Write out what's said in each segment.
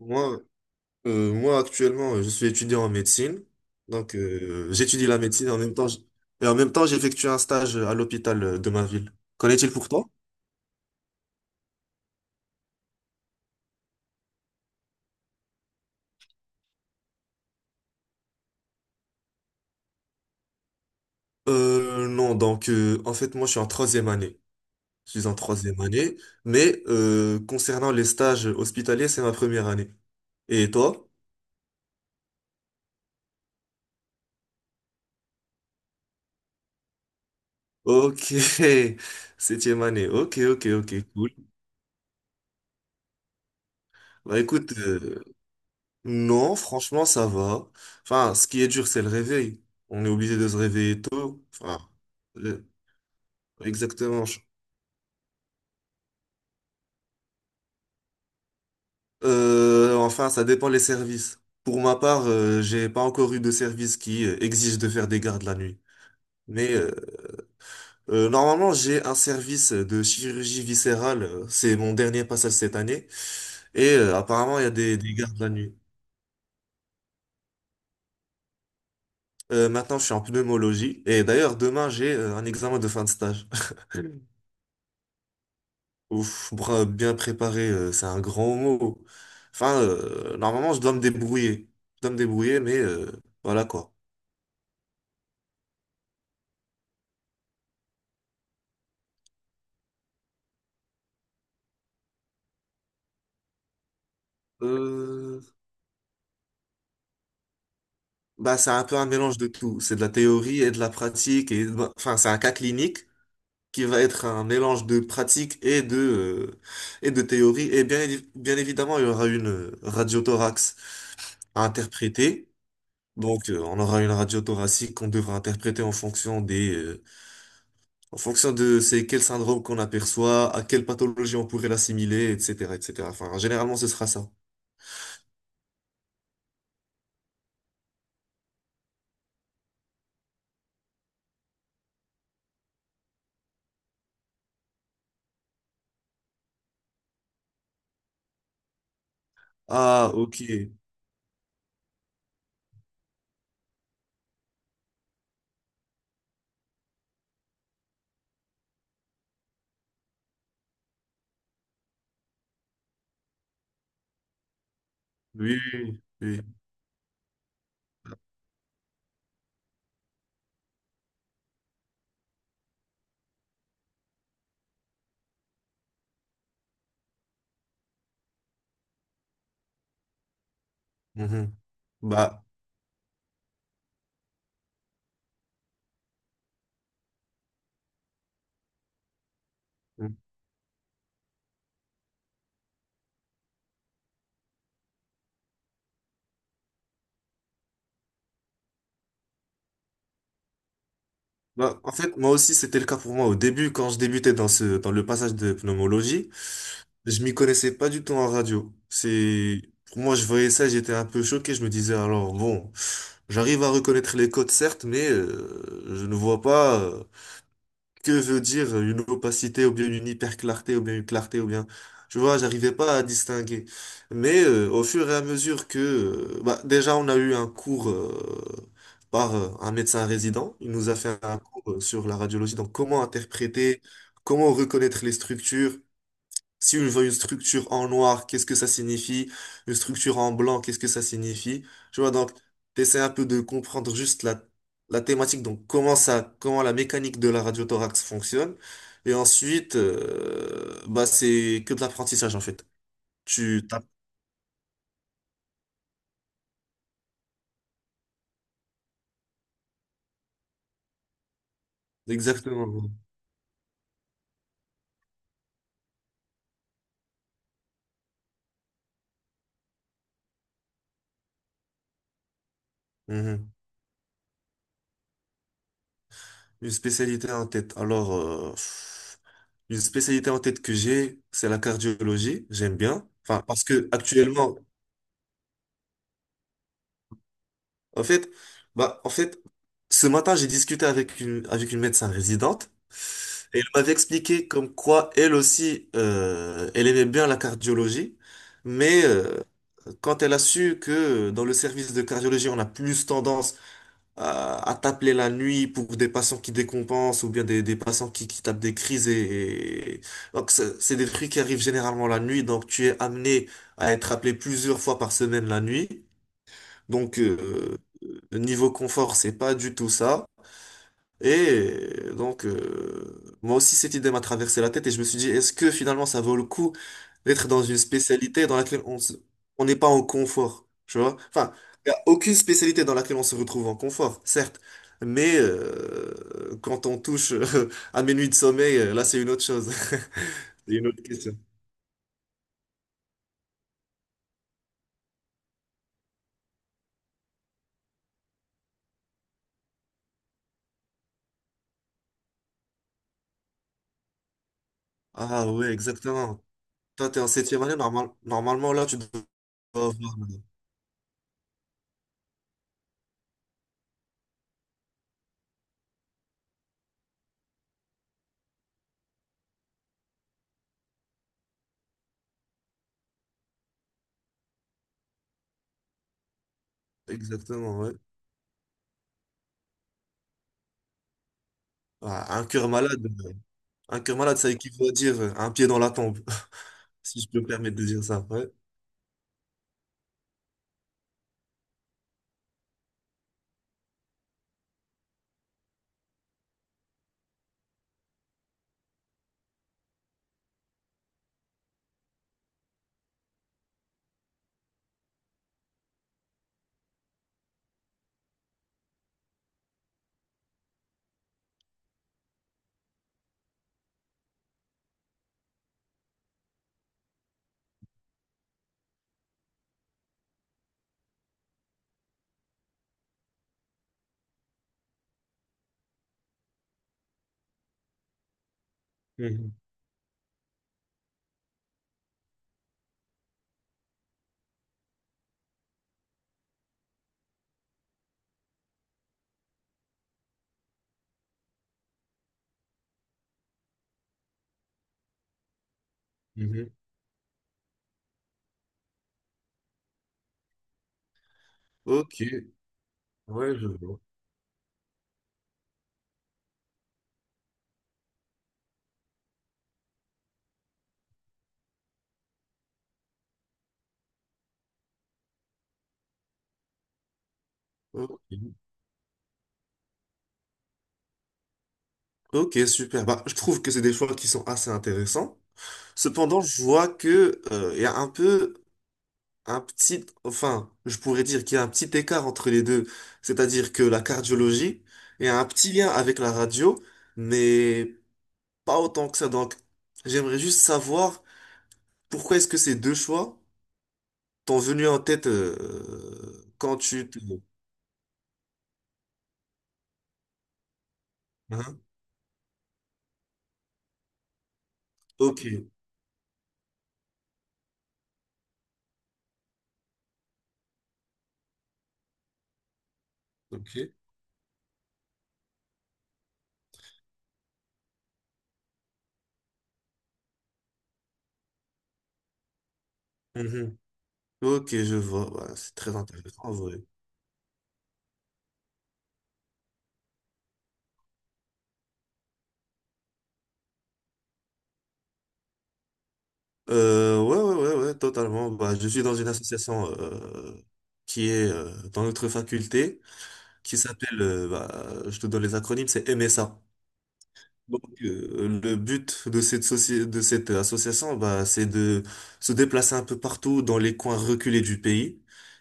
Moi, moi actuellement, je suis étudiant en médecine. Donc, j'étudie la médecine et en même temps, et en même temps, j'effectue un stage à l'hôpital de ma ville. Qu'en est-il pour toi? Non, donc, en fait, moi, je suis en troisième année. Je suis en troisième année, mais concernant les stages hospitaliers, c'est ma première année. Et toi? Ok, septième année. Ok, ok, ok, cool. Bah écoute, non, franchement, ça va. Enfin, ce qui est dur, c'est le réveil. On est obligé de se réveiller tôt. Enfin, le- exactement. Enfin, ça dépend les services. Pour ma part, j'ai pas encore eu de service qui exige de faire des gardes la nuit. Mais euh, normalement, j'ai un service de chirurgie viscérale. C'est mon dernier passage cette année. Et apparemment, il y a des gardes la nuit. Maintenant, je suis en pneumologie. Et d'ailleurs, demain, j'ai un examen de fin de stage. Ouf, bien préparé, c'est un grand mot. Enfin, normalement, je dois me débrouiller. Je dois me débrouiller, mais voilà quoi. Euh, c'est un peu un mélange de tout. C'est de la théorie et de la pratique. Et, bah, enfin, c'est un cas clinique qui va être un mélange de pratique et et de théorie. Et bien, bien évidemment, il y aura une radiothorax à interpréter. Donc, on aura une radio thoracique qu'on devra interpréter en fonction en fonction de c'est quel syndrome qu'on aperçoit, à quelle pathologie on pourrait l'assimiler, etc., etc. Enfin, généralement, ce sera ça. Ah, ok. Oui, oui, oui. Mhm. Bah, mm, bah, en fait, moi aussi, c'était le cas pour moi au début, quand je débutais dans dans le passage de pneumologie, je m'y connaissais pas du tout en radio. C'est, pour moi, je voyais ça, j'étais un peu choqué. Je me disais, alors, bon, j'arrive à reconnaître les codes, certes, mais je ne vois pas. Que veut dire une opacité ou bien une hyperclarté ou bien une clarté ou bien tu vois j'arrivais pas à distinguer, mais au fur et à mesure que bah, déjà on a eu un cours par un médecin résident, il nous a fait un cours sur la radiologie, donc comment interpréter, comment reconnaître les structures. Si je vois une structure en noir, qu'est-ce que ça signifie? Une structure en blanc, qu'est-ce que ça signifie? Tu vois, donc, t'essaies un peu de comprendre juste la thématique, donc comment la mécanique de la radiothorax fonctionne. Et ensuite, c'est que de l'apprentissage, en fait. Tu tapes exactement. Mhm. Une spécialité en tête. Alors, pff, une spécialité en tête que j'ai, c'est la cardiologie. J'aime bien. Enfin, parce que actuellement, en fait, bah, en fait, ce matin, j'ai discuté avec avec une médecin résidente et elle m'avait expliqué comme quoi elle aussi, elle aimait bien la cardiologie, mais quand elle a su que dans le service de cardiologie, on a plus tendance à t'appeler la nuit pour des patients qui décompensent ou bien des patients qui tapent des crises donc c'est des trucs qui arrivent généralement la nuit, donc tu es amené à être appelé plusieurs fois par semaine la nuit. Donc, niveau confort, c'est pas du tout ça. Et donc, moi aussi, cette idée m'a traversé la tête et je me suis dit, est-ce que finalement, ça vaut le coup d'être dans une spécialité dans laquelle on n'est pas en confort, tu vois? Enfin, il n'y a aucune spécialité dans laquelle on se retrouve en confort, certes, mais quand on touche à mes nuits de sommeil, là, c'est une autre chose. C'est une autre question. Ah ouais, exactement. Toi, t'es en septième année, normalement, là, tu dois avoir... Exactement, ouais. Ah, un cœur malade, un cœur malade, ça équivaut à dire un pied dans la tombe, si je peux me permettre de dire ça. Ouais. Mhm, mhm. Ok, ouais, je vois. Ok, ok, super. Bah, je trouve que c'est des choix qui sont assez intéressants. Cependant, je vois que il y a un peu un petit, enfin, je pourrais dire qu'il y a un petit écart entre les deux. C'est-à-dire que la cardiologie, il y a un petit lien avec la radio, mais pas autant que ça. Donc, j'aimerais juste savoir pourquoi est-ce que ces deux choix t'ont venu en tête quand tu te... Hein? Ok, ok. Mhm. Ok, je vois. Voilà, c'est très intéressant en vrai. Ouais, ouais, ouais, ouais, totalement. Bah, je suis dans une association qui est dans notre faculté, qui s'appelle, bah, je te donne les acronymes, c'est MSA. Donc, le but de de cette association, bah, c'est de se déplacer un peu partout dans les coins reculés du pays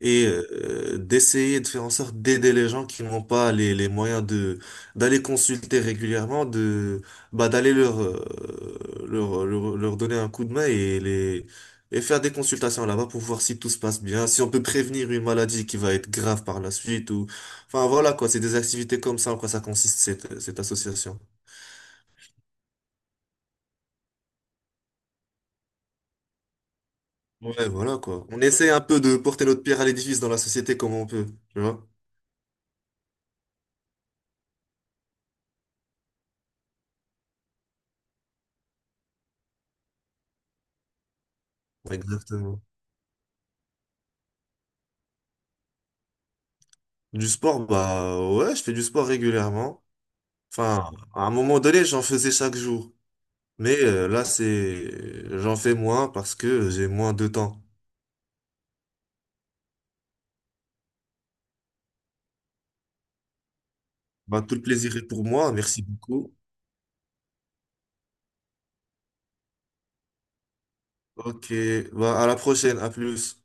et d'essayer de faire en sorte d'aider les gens qui n'ont pas les moyens de d'aller consulter régulièrement, de bah, d'aller leur donner un coup de main et les et faire des consultations là-bas pour voir si tout se passe bien, si on peut prévenir une maladie qui va être grave par la suite ou enfin voilà quoi, c'est des activités comme ça en quoi ça consiste cette association. Ouais, voilà quoi. On essaie un peu de porter notre pierre à l'édifice dans la société comme on peut, tu vois? Exactement. Du sport, bah ouais, je fais du sport régulièrement. Enfin, à un moment donné, j'en faisais chaque jour. Mais là, c'est j'en fais moins parce que j'ai moins de temps. Bah, tout le plaisir est pour moi. Merci beaucoup. Ok, bah à la prochaine, à plus.